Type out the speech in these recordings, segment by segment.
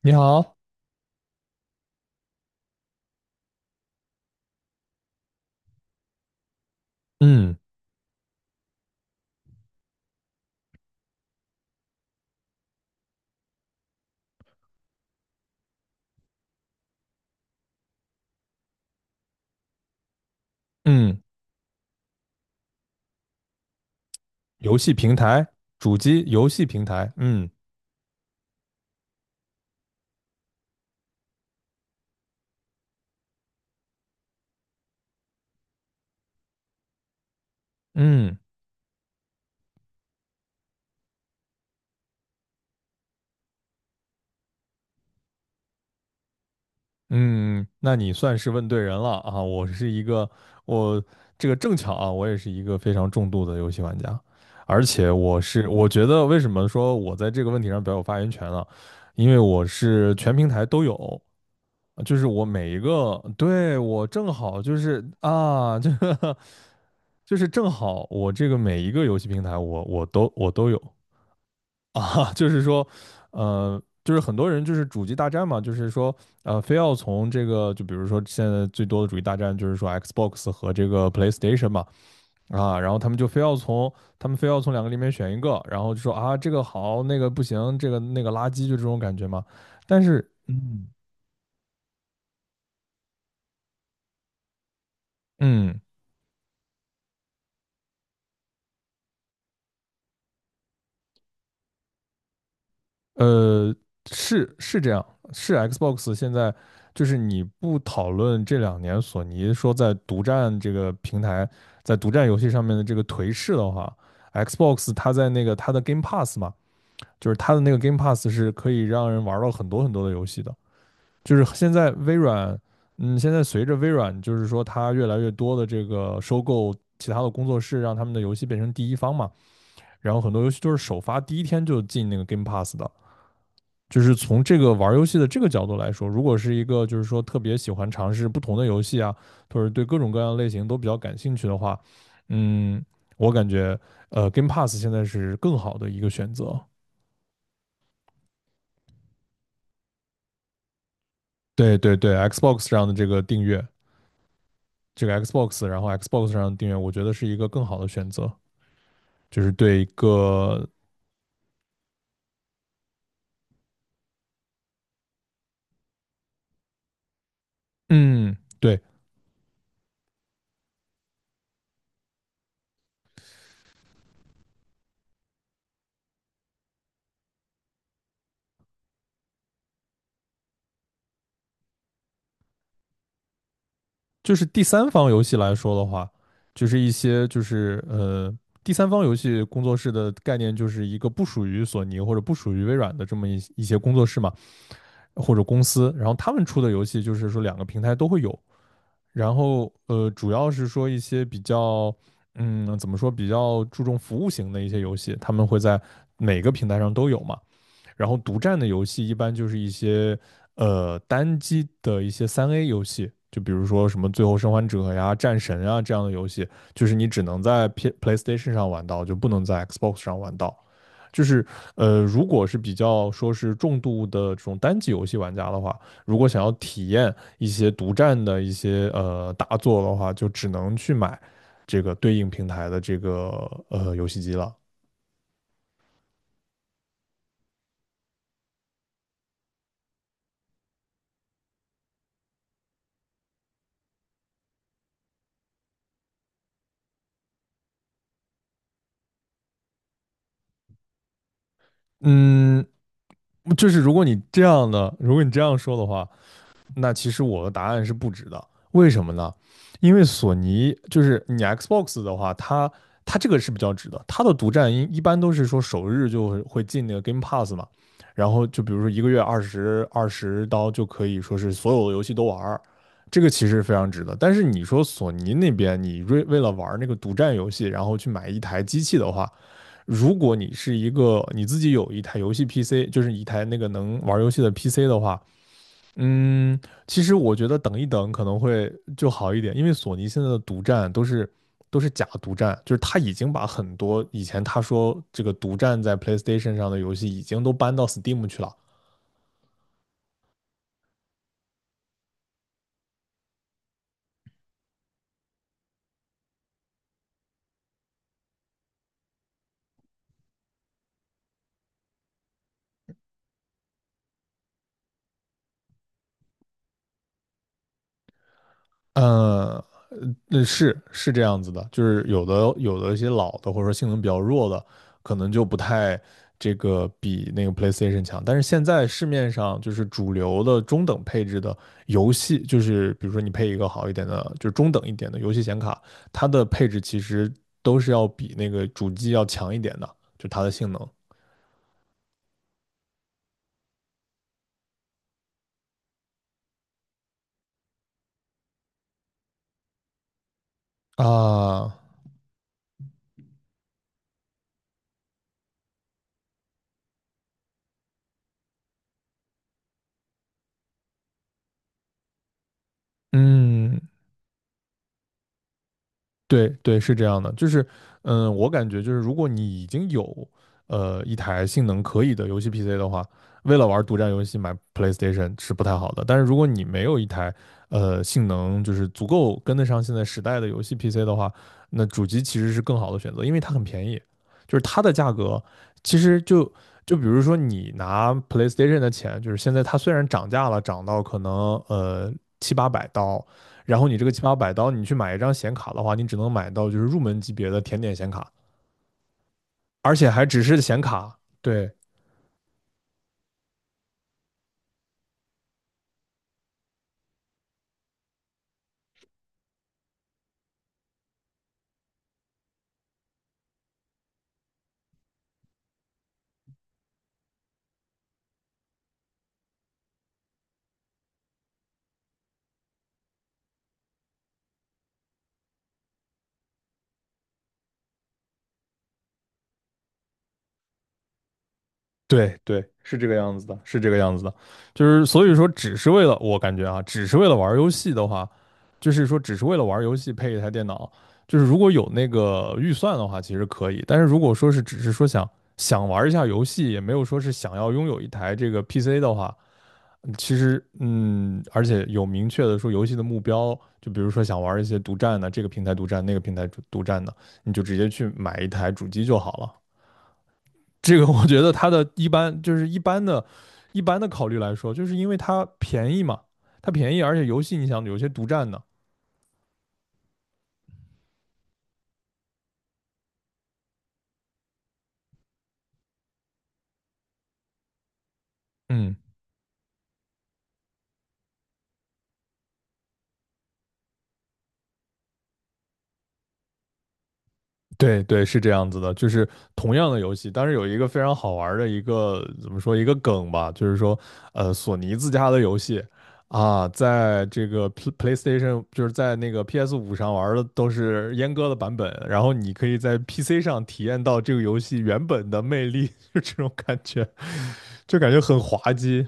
你好。嗯嗯。游戏平台。主机游戏平台。嗯嗯嗯。那你算是问对人了啊！我这个正巧啊，我也是一个非常重度的游戏玩家，而且我觉得为什么说我在这个问题上比较有发言权呢？因为我是全平台都有，就是我每一个，对，我正好就是啊，这个 就是正好我这个每一个游戏平台我都有。啊，就是说，就是很多人就是主机大战嘛，就是说，非要从这个，就比如说现在最多的主机大战就是说 Xbox 和这个 PlayStation 嘛。啊，然后他们非要从两个里面选一个，然后就说啊，这个好，那个不行，这个那个垃圾，就这种感觉嘛。但是，嗯，呃，是是这样，是 Xbox 现在就是你不讨论这两年索尼说在独占这个平台，在独占游戏上面的这个颓势的话，Xbox 它在那个它的 Game Pass 嘛，就是它的那个 Game Pass 是可以让人玩到很多很多的游戏的。就是现在微软，现在随着微软就是说它越来越多的这个收购其他的工作室，让他们的游戏变成第一方嘛。然后很多游戏就是首发第一天就进那个 Game Pass 的。就是从这个玩游戏的这个角度来说，如果是一个就是说特别喜欢尝试不同的游戏啊，或者对各种各样的类型都比较感兴趣的话，嗯，我感觉Game Pass 现在是更好的一个选择。对对对，Xbox 上的这个订阅，这个 Xbox，然后 Xbox 上的订阅，我觉得是一个更好的选择，就是对一个嗯，对就是第三方游戏来说的话，就是一些就是第三方游戏工作室的概念就是一个不属于索尼或者不属于微软的这么一些工作室嘛，或者公司，然后他们出的游戏就是说两个平台都会有，然后主要是说一些比较怎么说比较注重服务型的一些游戏，他们会在每个平台上都有嘛。然后独占的游戏一般就是一些单机的一些3A 游戏，就比如说什么《最后生还者》呀、《战神》啊这样的游戏，就是你只能在 PlayStation 上玩到，就不能在 Xbox 上玩到。就是如果是比较说是重度的这种单机游戏玩家的话，如果想要体验一些独占的一些大作的话，就只能去买这个对应平台的这个游戏机了。嗯，就是如果你这样的，如果你这样说的话，那其实我的答案是不值的。为什么呢？因为索尼就是你 Xbox 的话，它这个是比较值的，它的独占一般都是说首日就会进那个 Game Pass 嘛，然后就比如说一个月二十刀就可以说是所有的游戏都玩这个其实非常值的。但是你说索尼那边，你为了玩那个独占游戏，然后去买一台机器的话，如果你是一个你自己有一台游戏 PC，就是一台那个能玩游戏的 PC 的话，嗯，其实我觉得等一等可能会就好一点，因为索尼现在的独占都是假独占，就是他已经把很多以前他说这个独占在 PlayStation 上的游戏已经都搬到 Steam 去了。嗯，那是是这样子的，就是有的一些老的或者说性能比较弱的，可能就不太这个比那个 PlayStation 强。但是现在市面上就是主流的中等配置的游戏，就是比如说你配一个好一点的，就是中等一点的游戏显卡，它的配置其实都是要比那个主机要强一点的，就它的性能啊。嗯，对对，是这样的，就是，我感觉就是，如果你已经有一台性能可以的游戏 PC 的话，为了玩独占游戏买 PlayStation 是不太好的。但是如果你没有一台性能就是足够跟得上现在时代的游戏 PC 的话，那主机其实是更好的选择，因为它很便宜，就是它的价格其实就就比如说你拿 PlayStation 的钱，就是现在它虽然涨价了，涨到可能七八百刀，然后你这个七八百刀，你去买一张显卡的话，你只能买到就是入门级别的甜点显卡，而且还只是显卡。对对对，是这个样子的，是这个样子的。就是所以说，只是为了我感觉啊，只是为了玩游戏的话，就是说只是为了玩游戏配一台电脑，就是如果有那个预算的话，其实可以。但是如果说是只是说想玩一下游戏，也没有说是想要拥有一台这个 PC 的话，其实，而且有明确的说游戏的目标，就比如说想玩一些独占的，这个平台独占，那个平台独占的，你就直接去买一台主机就好了。这个我觉得它的一般就是一般的、一般的考虑来说，就是因为它便宜嘛，它便宜，而且游戏你想有些独占的。嗯，对对，是这样子的，就是同样的游戏，但是有一个非常好玩儿的一个怎么说一个梗吧，就是说，索尼自家的游戏啊，在这个 PlayStation 就是在那个 PS5上玩儿的都是阉割的版本，然后你可以在 PC 上体验到这个游戏原本的魅力，就这种感觉，就感觉很滑稽。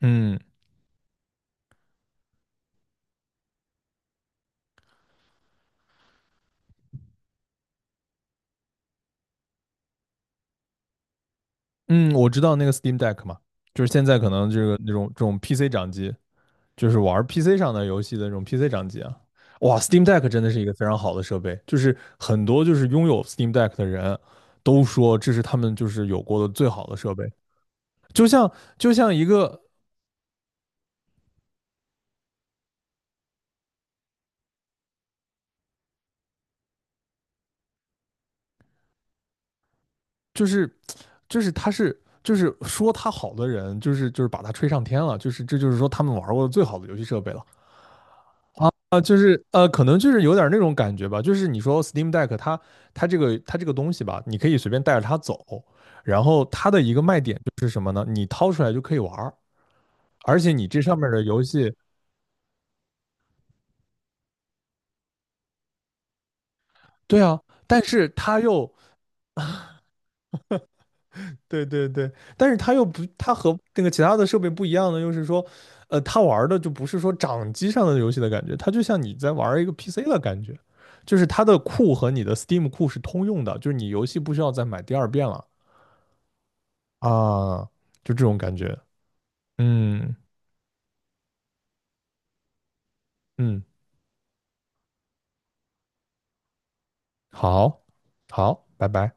嗯嗯，我知道那个 Steam Deck 嘛，就是现在可能这个那种这种 PC 掌机。就是玩 PC 上的游戏的那种 PC 掌机啊。哇，Steam Deck 真的是一个非常好的设备，就是很多就是拥有 Steam Deck 的人都说这是他们就是有过的最好的设备，就像就像一个就是就是他是就是说他好的人，就是把他吹上天了，就是这就是说他们玩过的最好的游戏设备了。啊，就是可能就是有点那种感觉吧，就是你说 Steam Deck 它这个东西吧，你可以随便带着它走，然后它的一个卖点就是什么呢？你掏出来就可以玩儿而且你这上面的游戏，对啊，但是它又对对对，但是它又不，它和那个其他的设备不一样的，就是说，它玩儿的就不是说掌机上的游戏的感觉，它就像你在玩儿一个 PC 的感觉，就是它的库和你的 Steam 库是通用的，就是你游戏不需要再买第二遍了。啊，就这种感觉。嗯嗯，好，好，拜拜。